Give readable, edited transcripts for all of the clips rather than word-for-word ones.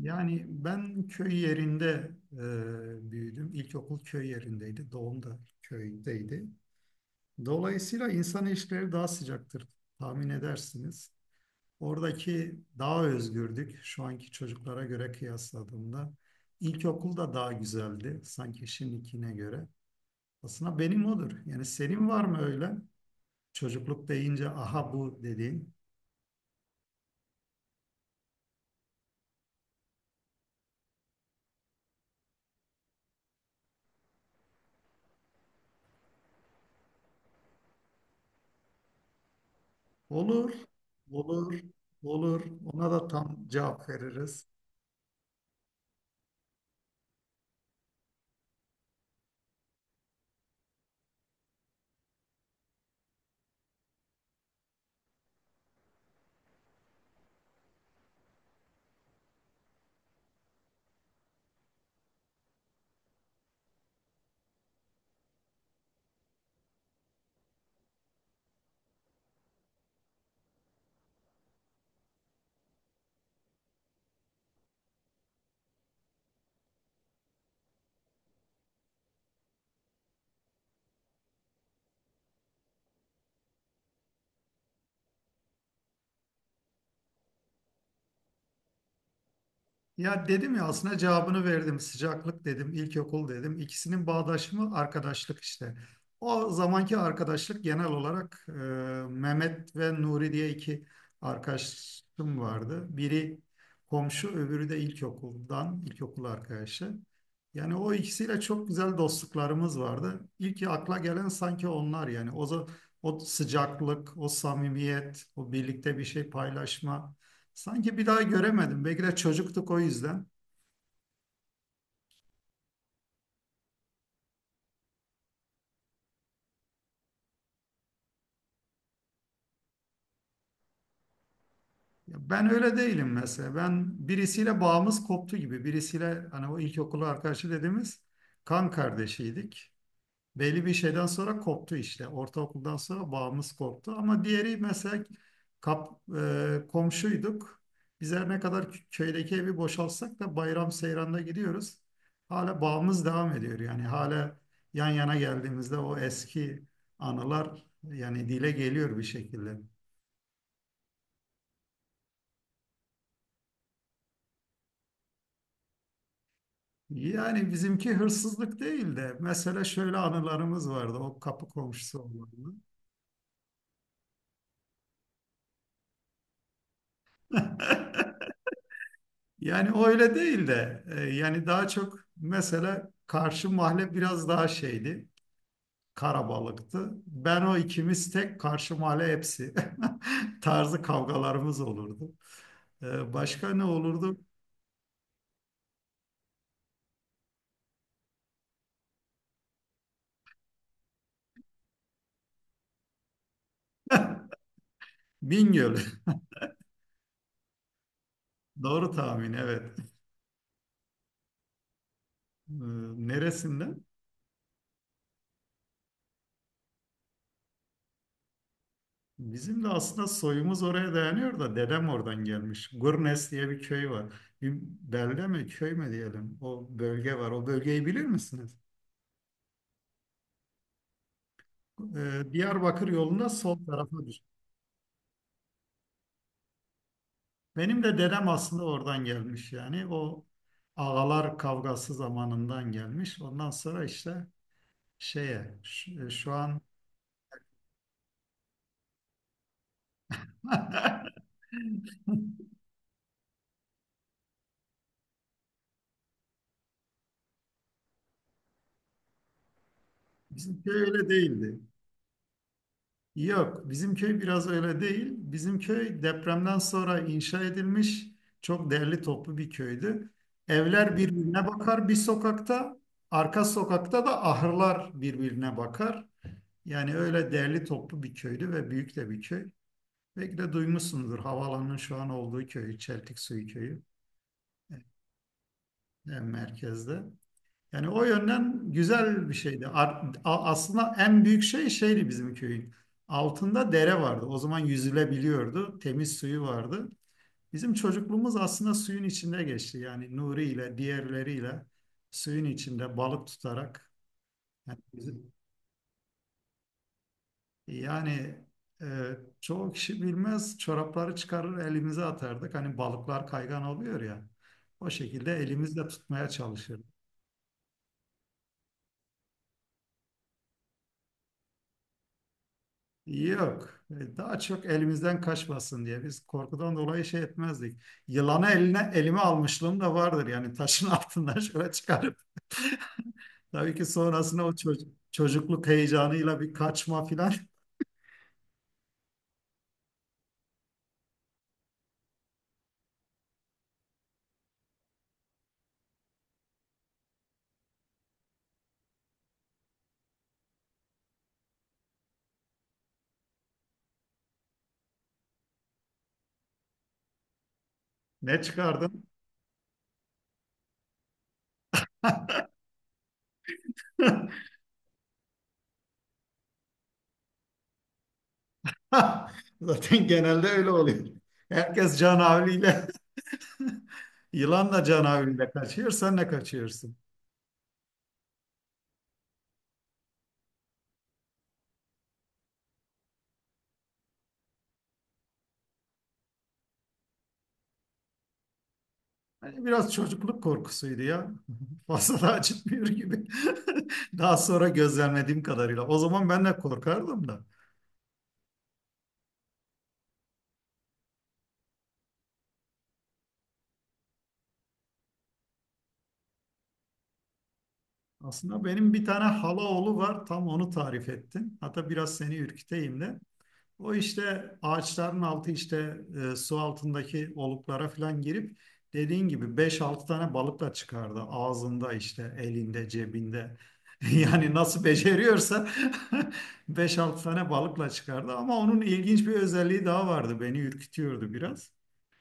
Yani ben köy yerinde büyüdüm. İlkokul köy yerindeydi. Doğum da köydeydi. Dolayısıyla insan ilişkileri daha sıcaktır tahmin edersiniz. Oradaki daha özgürdük şu anki çocuklara göre kıyasladığımda. İlkokul da daha güzeldi sanki şimdikine göre. Aslında benim odur. Yani senin var mı öyle? Çocukluk deyince aha bu dediğin. Olur, olur, olur. Ona da tam cevap veririz. Ya dedim ya aslında cevabını verdim. Sıcaklık dedim, ilkokul dedim. İkisinin bağdaşımı arkadaşlık işte. O zamanki arkadaşlık genel olarak Mehmet ve Nuri diye iki arkadaşım vardı. Biri komşu, öbürü de ilkokuldan, ilkokul arkadaşı. Yani o ikisiyle çok güzel dostluklarımız vardı. İlk akla gelen sanki onlar yani. O sıcaklık, o samimiyet, o birlikte bir şey paylaşma. Sanki bir daha göremedim. Belki de çocuktuk o yüzden. Ya ben öyle değilim mesela. Ben birisiyle bağımız koptu gibi. Birisiyle hani o ilkokulu arkadaşı dediğimiz kan kardeşiydik. Belli bir şeyden sonra koptu işte. Ortaokuldan sonra bağımız koptu. Ama diğeri mesela kap, komşuyduk. Biz her ne kadar köydeki evi boşaltsak da bayram seyranda gidiyoruz. Hala bağımız devam ediyor. Yani hala yan yana geldiğimizde o eski anılar yani dile geliyor bir şekilde. Yani bizimki hırsızlık değil de mesela şöyle anılarımız vardı o kapı komşusu olanla. Yani o öyle değil de yani daha çok mesela karşı mahalle biraz daha şeydi. Karabalıktı. Ben o ikimiz tek karşı mahalle hepsi tarzı kavgalarımız olurdu. Başka ne olurdu? Bingöl. Doğru tahmin, evet. E, Neresinden? Bizim de aslında soyumuz oraya dayanıyor da dedem oradan gelmiş. Gurnes diye bir köy var. Bir belde mi köy mü diyelim o bölge var. O bölgeyi bilir misiniz? Diyarbakır yolunda sol tarafadır. Benim de dedem aslında oradan gelmiş yani. O ağalar kavgası zamanından gelmiş. Ondan sonra işte şeye şu, şu an bizim köy öyle değildi. Yok, bizim köy biraz öyle değil. Bizim köy depremden sonra inşa edilmiş çok değerli toplu bir köydü. Evler birbirine bakar bir sokakta, arka sokakta da ahırlar birbirine bakar. Yani öyle değerli toplu bir köydü ve büyük de bir köy. Belki de duymuşsunuzdur havaalanının şu an olduğu köy, Çeltik Suyu Köyü e, en merkezde. Yani o yönden güzel bir şeydi. Aslında en büyük şey şeydi bizim köyün. Altında dere vardı. O zaman yüzülebiliyordu. Temiz suyu vardı. Bizim çocukluğumuz aslında suyun içinde geçti. Yani Nuri ile diğerleriyle suyun içinde balık tutarak. Yani bizim- Yani e, çoğu kişi bilmez çorapları çıkarır elimize atardık. Hani balıklar kaygan oluyor ya. O şekilde elimizle tutmaya çalışırdık. Yok. Daha çok elimizden kaçmasın diye biz korkudan dolayı şey etmezdik. Yılanı elime almışlığım da vardır yani taşın altından şöyle çıkarıp. Tabii ki sonrasında o çocukluk heyecanıyla bir kaçma filan. Ne çıkardın? Zaten genelde öyle oluyor. Herkes canavliyle, yılanla da canavliyle kaçıyor, sen ne kaçıyorsun. Hani biraz çocukluk korkusuydu ya. Fazla da acıtmıyor gibi. Daha sonra gözlemlediğim kadarıyla. O zaman ben de korkardım da. Aslında benim bir tane hala oğlu var. Tam onu tarif ettin. Hatta biraz seni ürküteyim de. O işte ağaçların altı işte su altındaki oluklara falan girip dediğin gibi beş altı tane balıkla çıkardı. Ağzında işte elinde cebinde. Yani nasıl beceriyorsa beş altı tane balıkla çıkardı. Ama onun ilginç bir özelliği daha vardı. Beni ürkütüyordu biraz.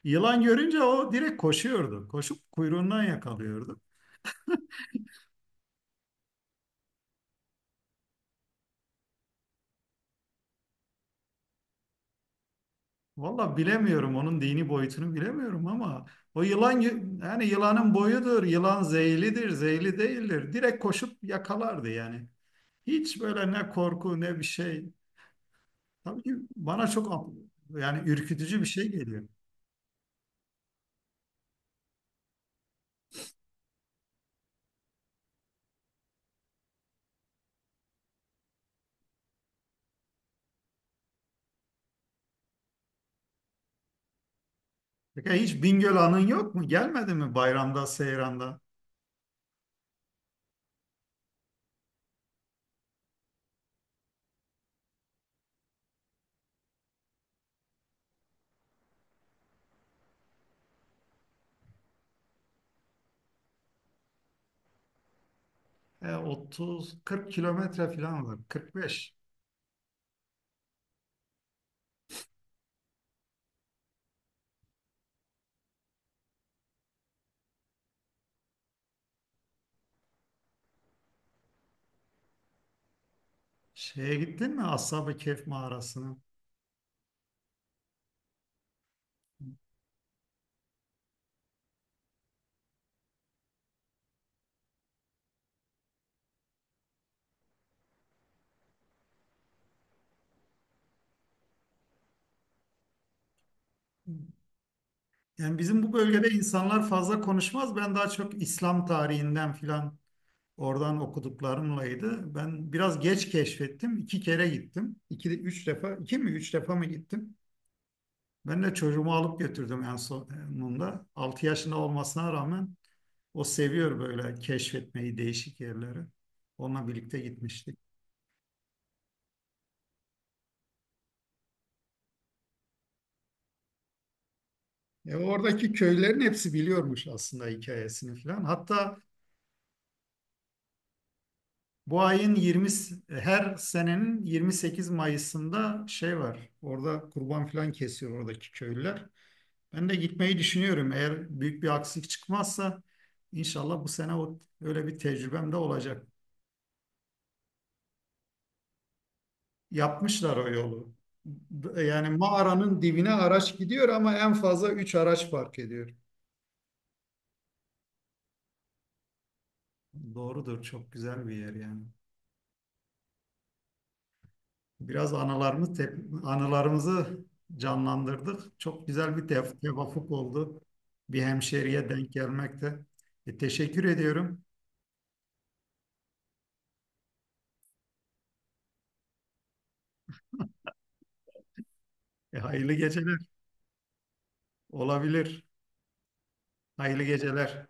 Yılan görünce o direkt koşuyordu. Koşup kuyruğundan yakalıyordu. Valla bilemiyorum onun dini boyutunu bilemiyorum ama yani yılanın boyudur, yılan zehirlidir, zehirli değildir. Direkt koşup yakalardı yani. Hiç böyle ne korku ne bir şey. Tabii ki bana çok yani ürkütücü bir şey geliyor. Peki hiç Bingöl anın yok mu? Gelmedi mi bayramda, seyranda? 30-40 kilometre falan var. 45. Şeye gittin mi? Ashab-ı Kehf mağarasına. Yani bizim bu bölgede insanlar fazla konuşmaz. Ben daha çok İslam tarihinden filan oradan okuduklarımlaydı. Ben biraz geç keşfettim. İki kere gittim. İki, üç defa, iki mi üç defa mı gittim? Ben de çocuğumu alıp götürdüm en sonunda. Altı yaşında olmasına rağmen o seviyor böyle keşfetmeyi, değişik yerleri. Onunla birlikte gitmiştik. Oradaki köylerin hepsi biliyormuş aslında hikayesini filan. Hatta bu ayın 20, her senenin 28 Mayıs'ında şey var. Orada kurban falan kesiyor oradaki köylüler. Ben de gitmeyi düşünüyorum. Eğer büyük bir aksilik çıkmazsa inşallah bu sene o, öyle bir tecrübem de olacak. Yapmışlar o yolu. Yani mağaranın dibine araç gidiyor ama en fazla 3 araç park ediyor. Doğrudur. Çok güzel bir yer yani. Biraz anılarımız anılarımızı canlandırdık. Çok güzel bir tevafuk oldu. Bir hemşeriye denk gelmekte. Teşekkür ediyorum. Hayırlı geceler. Olabilir. Hayırlı geceler.